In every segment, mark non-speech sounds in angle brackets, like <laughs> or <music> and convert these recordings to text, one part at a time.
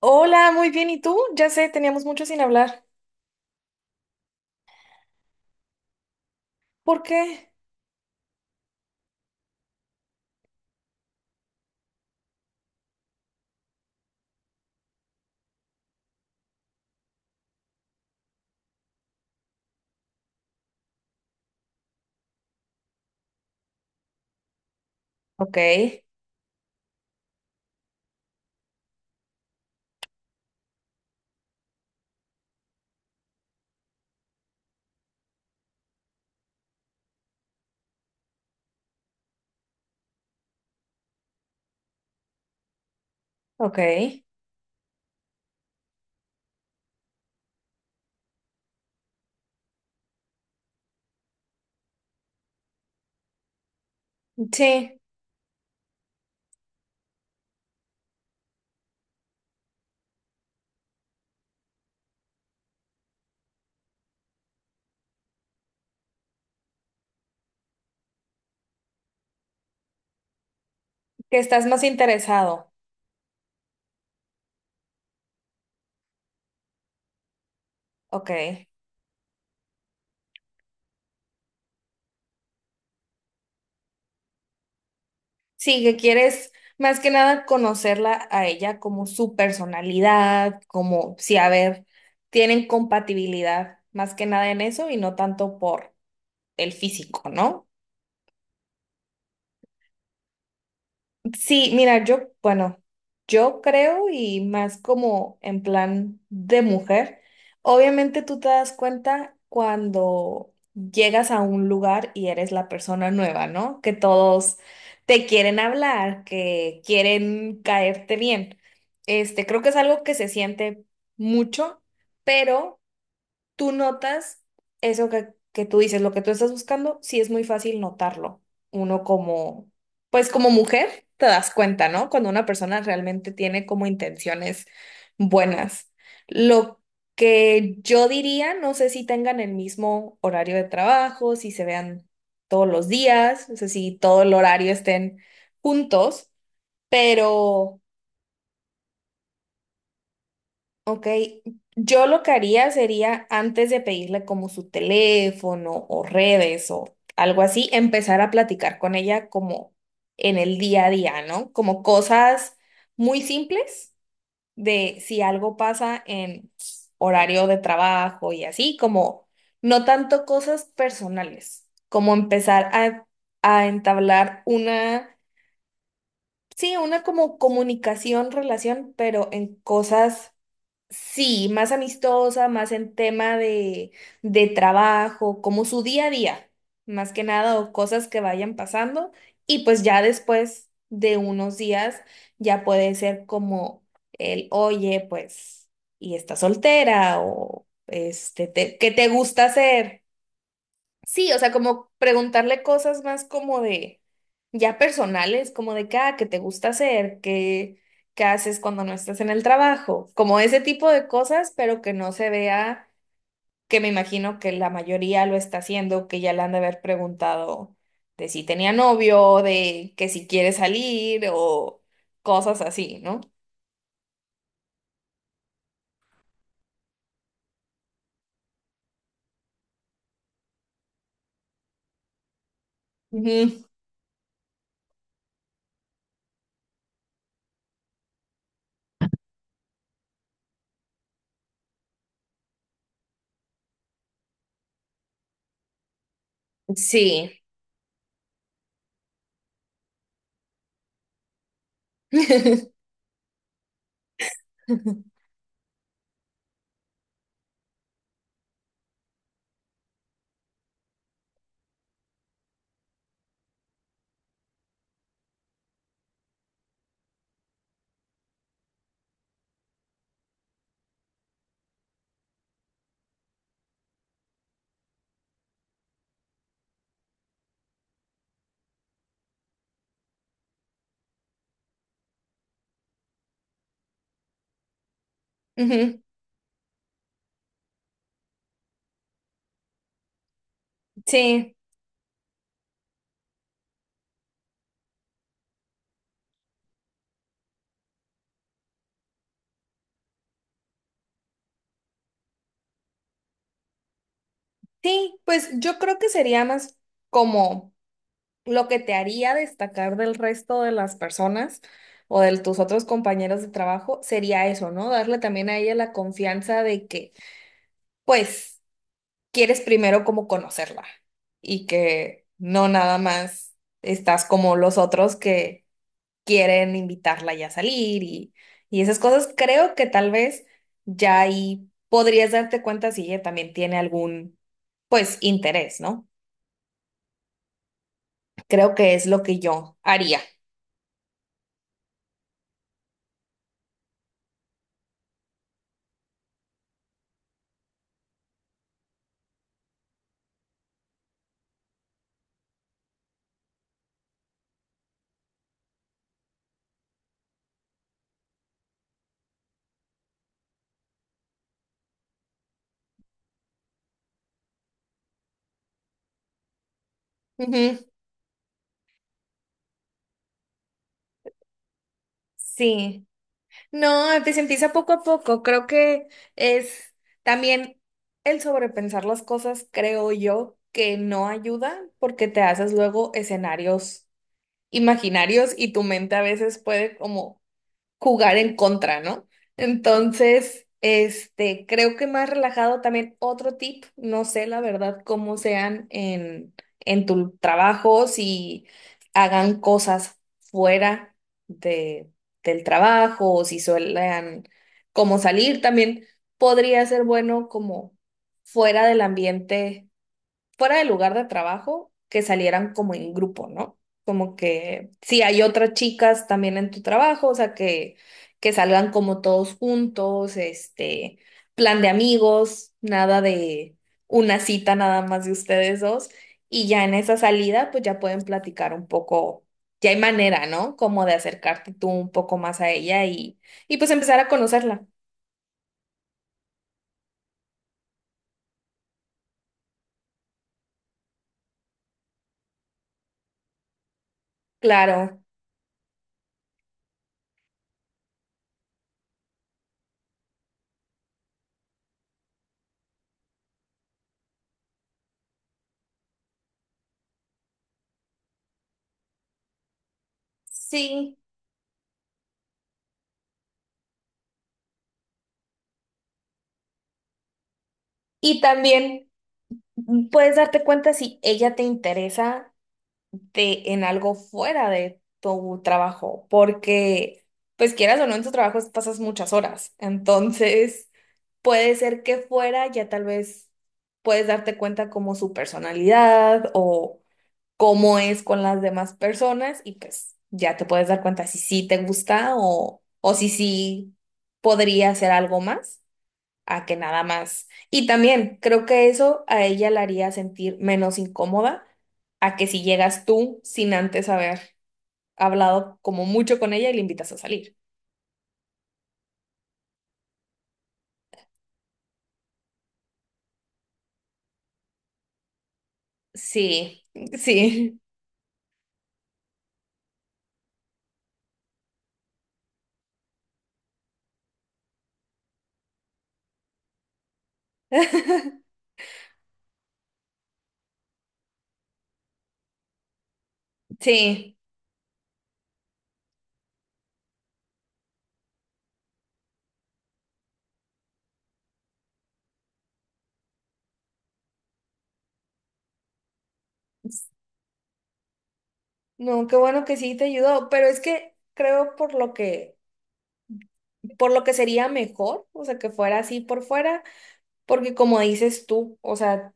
Hola, muy bien. ¿Y tú? Ya sé, teníamos mucho sin hablar. ¿Por qué? Ok, ok. Sí, que estás más interesado. Ok. Sí, que quieres más que nada conocerla a ella como su personalidad, como si, a ver, tienen compatibilidad más que nada en eso y no tanto por el físico, ¿no? Sí, mira, yo, bueno, yo creo y más como en plan de mujer, obviamente tú te das cuenta cuando llegas a un lugar y eres la persona nueva, ¿no? Que todos te quieren hablar, que quieren caerte bien. Este, creo que es algo que se siente mucho, pero tú notas eso que tú dices, lo que tú estás buscando, sí es muy fácil notarlo. Uno como, pues como mujer, te das cuenta, ¿no? Cuando una persona realmente tiene como intenciones buenas. Lo que yo diría, no sé si tengan el mismo horario de trabajo, si se vean todos los días, no sé si todo el horario estén juntos, pero... Ok, yo lo que haría sería antes de pedirle como su teléfono o redes o algo así, empezar a platicar con ella como en el día a día, ¿no? Como cosas muy simples de si algo pasa en horario de trabajo y así, como no tanto cosas personales, como empezar a entablar una, sí, una como comunicación, relación, pero en cosas. Sí, más amistosa, más en tema de trabajo, como su día a día, más que nada, o cosas que vayan pasando. Y pues ya después de unos días, ya puede ser como el, oye, pues, y estás soltera, o este, te- ¿qué te gusta hacer? Sí, o sea, como preguntarle cosas más como de, ya personales, como de qué, ah, qué te gusta hacer, qué, qué haces cuando no estás en el trabajo, como ese tipo de cosas, pero que no se vea, que me imagino que la mayoría lo está haciendo, que ya le han de haber preguntado de si tenía novio, de que si quiere salir o cosas así, ¿no? Ujú. Sí. <laughs> Ujú. Sí, sí, pues yo creo que sería más como... lo que te haría destacar del resto de las personas o de tus otros compañeros de trabajo sería eso, ¿no? Darle también a ella la confianza de que, pues, quieres primero como conocerla y que no nada más estás como los otros que quieren invitarla ya a salir y esas cosas. Creo que tal vez ya ahí podrías darte cuenta si ella también tiene algún, pues, interés, ¿no? Creo que es lo que yo haría. Ujú. Sí. No, pues empieza poco a poco. Creo que es también el sobrepensar las cosas, creo yo, que no ayuda porque te haces luego escenarios imaginarios y tu mente a veces puede como jugar en contra, ¿no? Entonces, este, creo que más relajado también otro tip, no sé la verdad cómo sean en tu trabajo, si hagan cosas fuera de, del trabajo o si suelen como salir, también podría ser bueno como fuera del ambiente fuera del lugar de trabajo, que salieran como en grupo, ¿no? Como que si hay otras chicas también en tu trabajo, o sea, que salgan como todos juntos, este, plan de amigos, nada de una cita nada más de ustedes dos, y ya en esa salida, pues ya pueden platicar un poco, ya hay manera, ¿no? Como de acercarte tú un poco más a ella y pues empezar a conocerla. Claro, sí. Y también... Puedes darte cuenta si ella te interesa de, en algo fuera de tu trabajo, porque, pues quieras o no, en tu trabajo pasas muchas horas. Entonces, puede ser que fuera ya tal vez puedes darte cuenta como su personalidad o cómo es con las demás personas y pues ya te puedes dar cuenta si sí te gusta o si sí podría hacer algo más a que nada más. Y también creo que eso a ella la haría sentir menos incómoda a que si llegas tú sin antes haber hablado como mucho con ella y le invitas a salir. Sí, sí, <laughs> sí. No, qué bueno que sí te ayudó, pero es que creo por lo que sería mejor, o sea, que fuera así por fuera, porque como dices tú, o sea,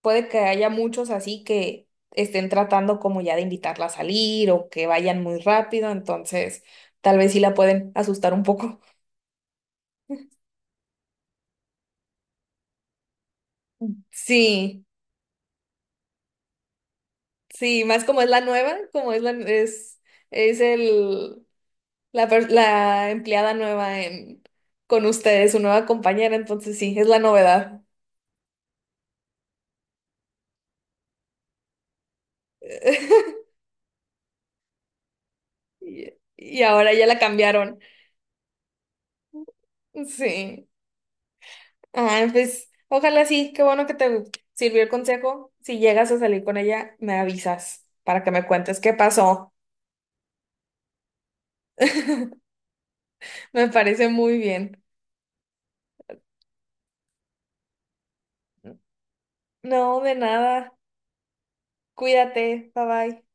puede que haya muchos así que estén tratando como ya de invitarla a salir o que vayan muy rápido, entonces tal vez sí la pueden asustar un poco. <laughs> Sí, sí, más como es la nueva, como es la, es el, la, per- la empleada nueva en, con ustedes, su nueva compañera, entonces sí, es la novedad. <laughs> Y, y ahora ya la cambiaron. Sí. Ah, pues ojalá sí, qué bueno que te sirvió el consejo. Si llegas a salir con ella, me avisas para que me cuentes qué pasó. <laughs> Me parece muy bien. No, de nada. Cuídate. Bye bye.